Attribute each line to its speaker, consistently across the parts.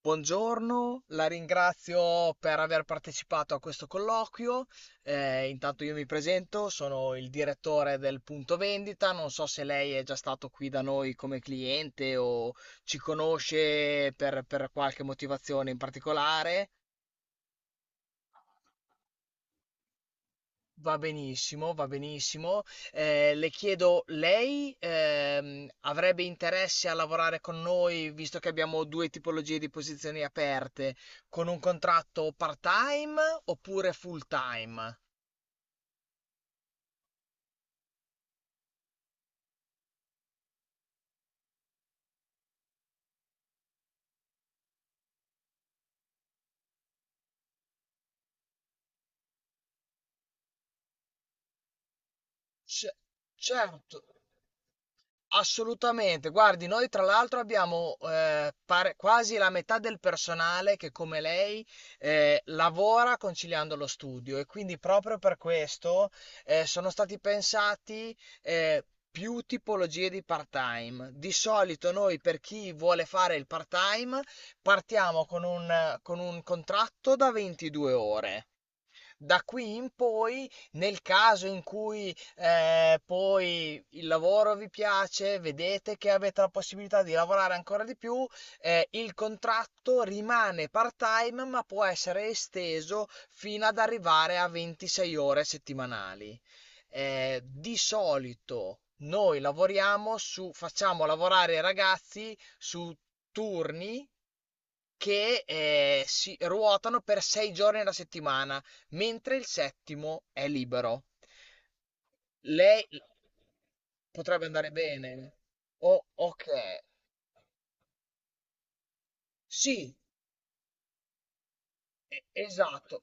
Speaker 1: Buongiorno, la ringrazio per aver partecipato a questo colloquio. Intanto io mi presento, sono il direttore del punto vendita. Non so se lei è già stato qui da noi come cliente o ci conosce per qualche motivazione in particolare. Va benissimo, va benissimo. Le chiedo, lei avrebbe interesse a lavorare con noi, visto che abbiamo due tipologie di posizioni aperte, con un contratto part-time oppure full-time? Ce- certo, assolutamente, guardi, noi tra l'altro abbiamo quasi la metà del personale che come lei lavora conciliando lo studio, e quindi proprio per questo sono stati pensati eh, più tipologie di part-time. Di solito noi per chi vuole fare il part-time partiamo con un contratto da 22 ore. Da qui in poi, nel caso in cui poi il lavoro vi piace, vedete che avete la possibilità di lavorare ancora di più, il contratto rimane part-time, ma può essere esteso fino ad arrivare a 26 ore settimanali. Di solito noi facciamo lavorare i ragazzi su turni che si ruotano per 6 giorni alla settimana, mentre il settimo è libero. Lei potrebbe andare bene. O okay. Sì, esatto.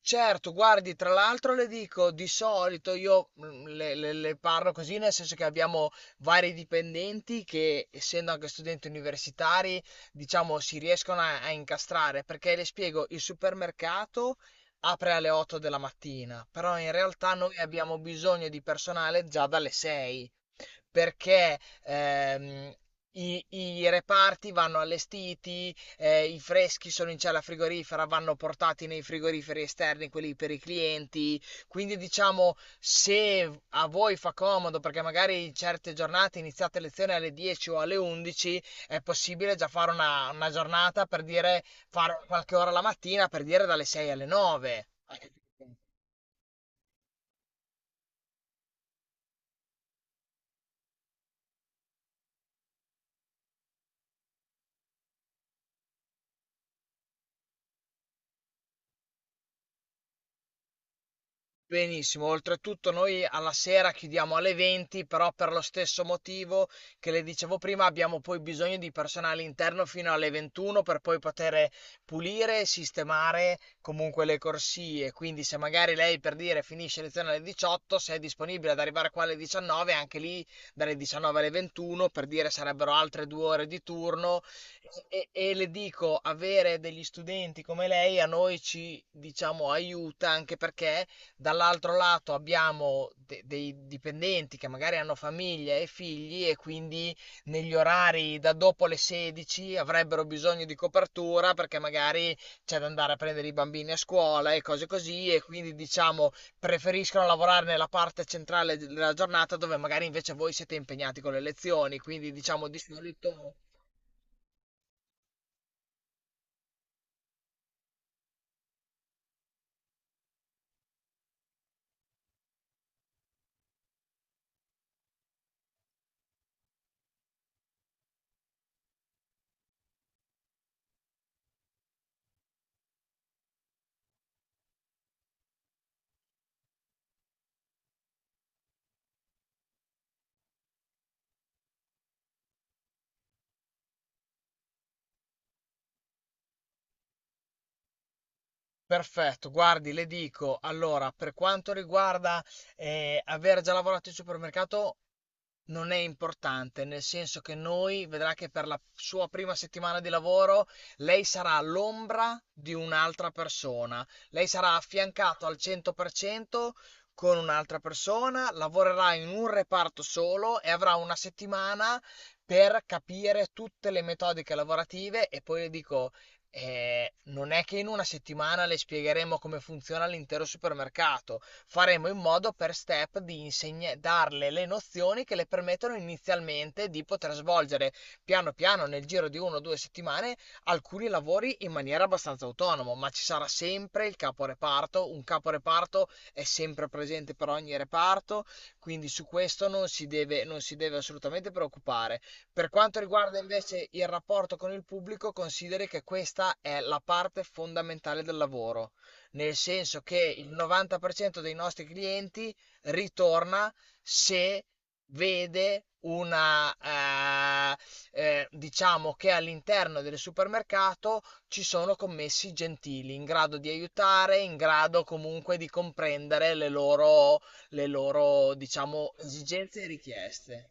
Speaker 1: Certo, guardi, tra l'altro le dico, di solito io le parlo così, nel senso che abbiamo vari dipendenti che, essendo anche studenti universitari, diciamo, si riescono a incastrare, perché le spiego, il supermercato apre alle 8 della mattina, però in realtà noi abbiamo bisogno di personale già dalle 6, perché i reparti vanno allestiti, i freschi sono in cella frigorifera, vanno portati nei frigoriferi esterni, quelli per i clienti. Quindi diciamo, se a voi fa comodo, perché magari in certe giornate iniziate lezione alle 10 o alle 11, è possibile già fare una giornata per dire, fare qualche ora la mattina, per dire dalle 6 alle 9. Benissimo, oltretutto noi alla sera chiudiamo alle 20, però per lo stesso motivo che le dicevo prima, abbiamo poi bisogno di personale interno fino alle 21 per poi poter pulire e sistemare comunque le corsie. Quindi se magari lei per dire finisce lezione alle 18, se è disponibile ad arrivare qua alle 19, anche lì dalle 19 alle 21, per dire sarebbero altre 2 ore di turno. E le dico, avere degli studenti come lei a noi ci, diciamo, aiuta anche, perché dall'altro lato abbiamo dei dipendenti che magari hanno famiglia e figli, e quindi negli orari da dopo le 16 avrebbero bisogno di copertura, perché magari c'è da andare a prendere i bambini a scuola e cose così, e quindi diciamo preferiscono lavorare nella parte centrale della giornata dove magari invece voi siete impegnati con le lezioni, quindi diciamo di solito. Perfetto, guardi, le dico, allora, per quanto riguarda aver già lavorato in supermercato, non è importante, nel senso che noi vedrà che per la sua prima settimana di lavoro lei sarà l'ombra di un'altra persona. Lei sarà affiancato al 100% con un'altra persona, lavorerà in un reparto solo e avrà una settimana per capire tutte le metodiche lavorative, e poi le dico non è che in una settimana le spiegheremo come funziona l'intero supermercato, faremo in modo per step di darle le nozioni che le permettono inizialmente di poter svolgere piano piano nel giro di una o due settimane alcuni lavori in maniera abbastanza autonoma, ma ci sarà sempre il caporeparto, un caporeparto è sempre presente per ogni reparto, quindi su questo non si deve assolutamente preoccupare. Per quanto riguarda invece il rapporto con il pubblico, consideri che questa è la parte fondamentale del lavoro, nel senso che il 90% dei nostri clienti ritorna se vede una diciamo, che all'interno del supermercato ci sono commessi gentili in grado di aiutare, in grado comunque di comprendere le loro, diciamo, esigenze e richieste.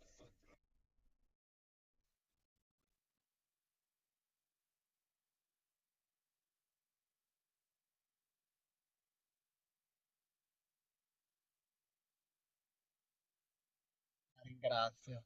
Speaker 1: Ringrazio.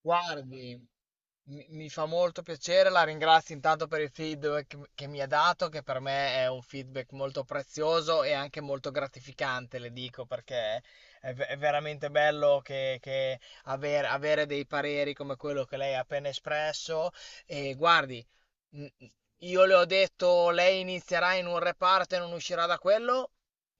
Speaker 1: Guardi, mi fa molto piacere, la ringrazio intanto per il feedback che mi ha dato, che per me è un feedback molto prezioso e anche molto gratificante, le dico, perché è, è veramente bello avere dei pareri come quello che lei ha appena espresso. E guardi, mh, io le ho detto, lei inizierà in un reparto e non uscirà da quello.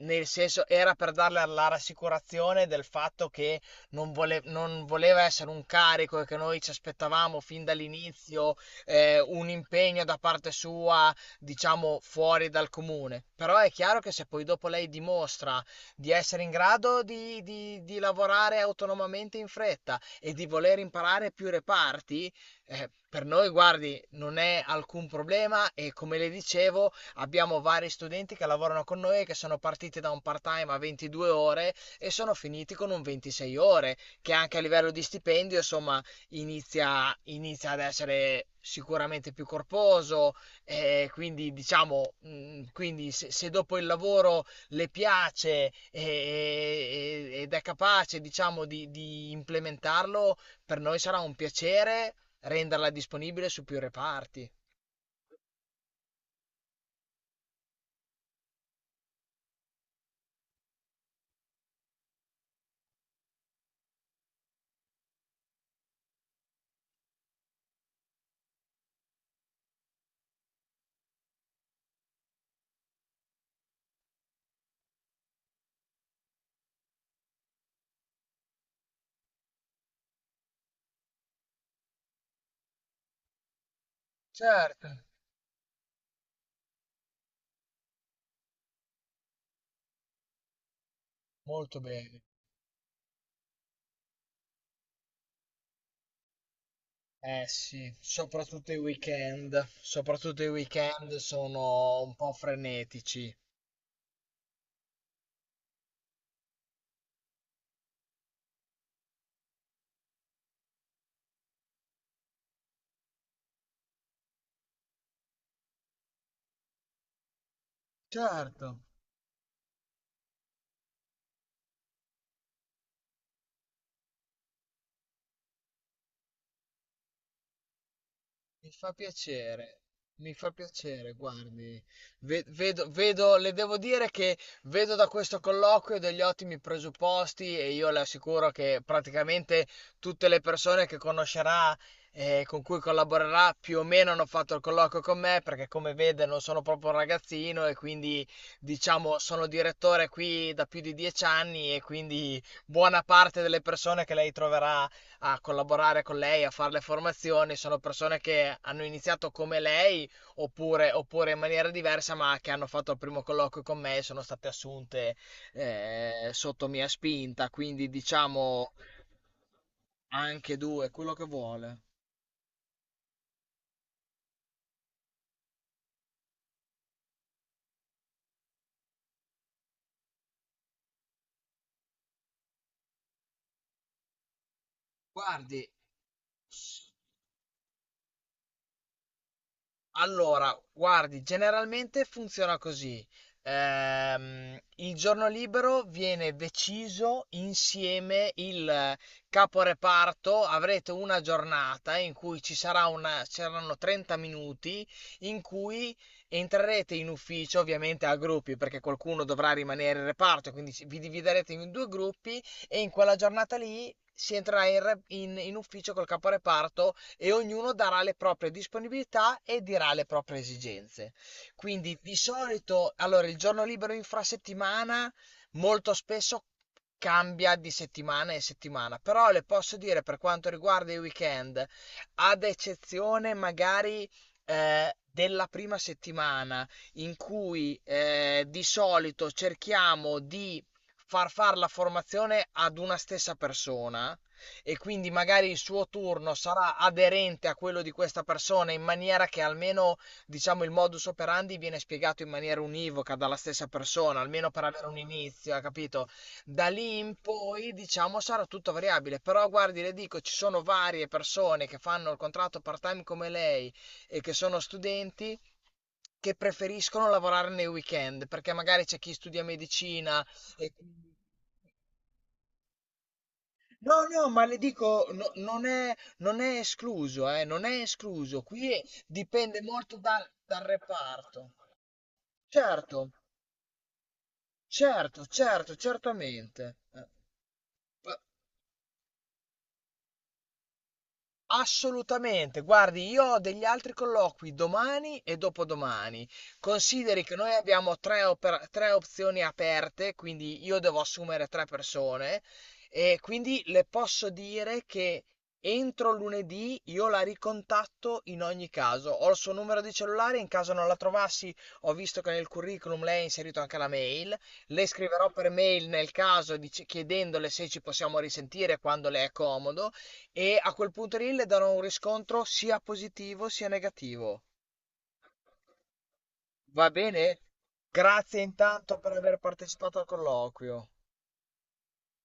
Speaker 1: Nel senso, era per darle la rassicurazione del fatto che non voleva essere un carico e che noi ci aspettavamo fin dall'inizio un impegno da parte sua, diciamo, fuori dal comune. Però è chiaro che se poi dopo lei dimostra di essere in grado di lavorare autonomamente in fretta e di voler imparare più reparti, per noi, guardi, non è alcun problema, e come le dicevo, abbiamo vari studenti che lavorano con noi e che sono partiti da un part-time a 22 ore e sono finiti con un 26 ore, che anche a livello di stipendio, insomma, inizia ad essere sicuramente più corposo. Quindi, diciamo, quindi se dopo il lavoro le piace e- ed è capace, diciamo, di implementarlo, per noi sarà un piacere renderla disponibile su più reparti. Certo, molto bene. Eh sì, soprattutto i weekend sono un po' frenetici. Certo. Mi fa piacere, mi fa piacere, guardi, vedo, vedo, le devo dire che vedo da questo colloquio degli ottimi presupposti, e io le assicuro che praticamente tutte le persone che conoscerà e con cui collaborerà più o meno hanno fatto il colloquio con me, perché come vede non sono proprio un ragazzino, e quindi diciamo sono direttore qui da più di 10 anni, e quindi buona parte delle persone che lei troverà a collaborare con lei, a fare le formazioni, sono persone che hanno iniziato come lei, oppure in maniera diversa, ma che hanno fatto il primo colloquio con me e sono state assunte sotto mia spinta, quindi diciamo. Anche due, quello che vuole. Guardi, allora, guardi, generalmente funziona così. Il giorno libero viene deciso insieme il caporeparto. Avrete una giornata in cui ci sarà ci saranno 30 minuti in cui entrerete in ufficio, ovviamente a gruppi, perché qualcuno dovrà rimanere in reparto, quindi vi dividerete in due gruppi, e in quella giornata lì si entrerà in, re- in in ufficio col caporeparto, e ognuno darà le proprie disponibilità e dirà le proprie esigenze. Quindi di solito, allora, il giorno libero infrasettimana molto spesso cambia di settimana in settimana, però le posso dire per quanto riguarda i weekend, ad eccezione magari della prima settimana in cui di solito cerchiamo di far fare la formazione ad una stessa persona, e quindi magari il suo turno sarà aderente a quello di questa persona in maniera che almeno diciamo il modus operandi viene spiegato in maniera univoca dalla stessa persona, almeno per avere un inizio, ha capito? Da lì in poi diciamo sarà tutto variabile, però guardi, le dico, ci sono varie persone che fanno il contratto part-time come lei e che sono studenti che preferiscono lavorare nei weekend, perché magari c'è chi studia medicina e quindi. No, no, ma le dico, non è, non è escluso, non è escluso. Qui dipende molto dal reparto. Certo, certo, certo, certamente. Eh, Assolutamente. Guardi, io ho degli altri colloqui domani e dopodomani. Consideri che noi abbiamo tre opzioni aperte, quindi io devo assumere tre persone, e quindi le posso dire che entro lunedì io la ricontatto in ogni caso. Ho il suo numero di cellulare, in caso non la trovassi, ho visto che nel curriculum lei ha inserito anche la mail. Le scriverò per mail nel caso chiedendole se ci possiamo risentire quando le è comodo, e a quel punto lì le darò un riscontro sia positivo sia negativo. Va bene? Grazie intanto per aver partecipato al colloquio.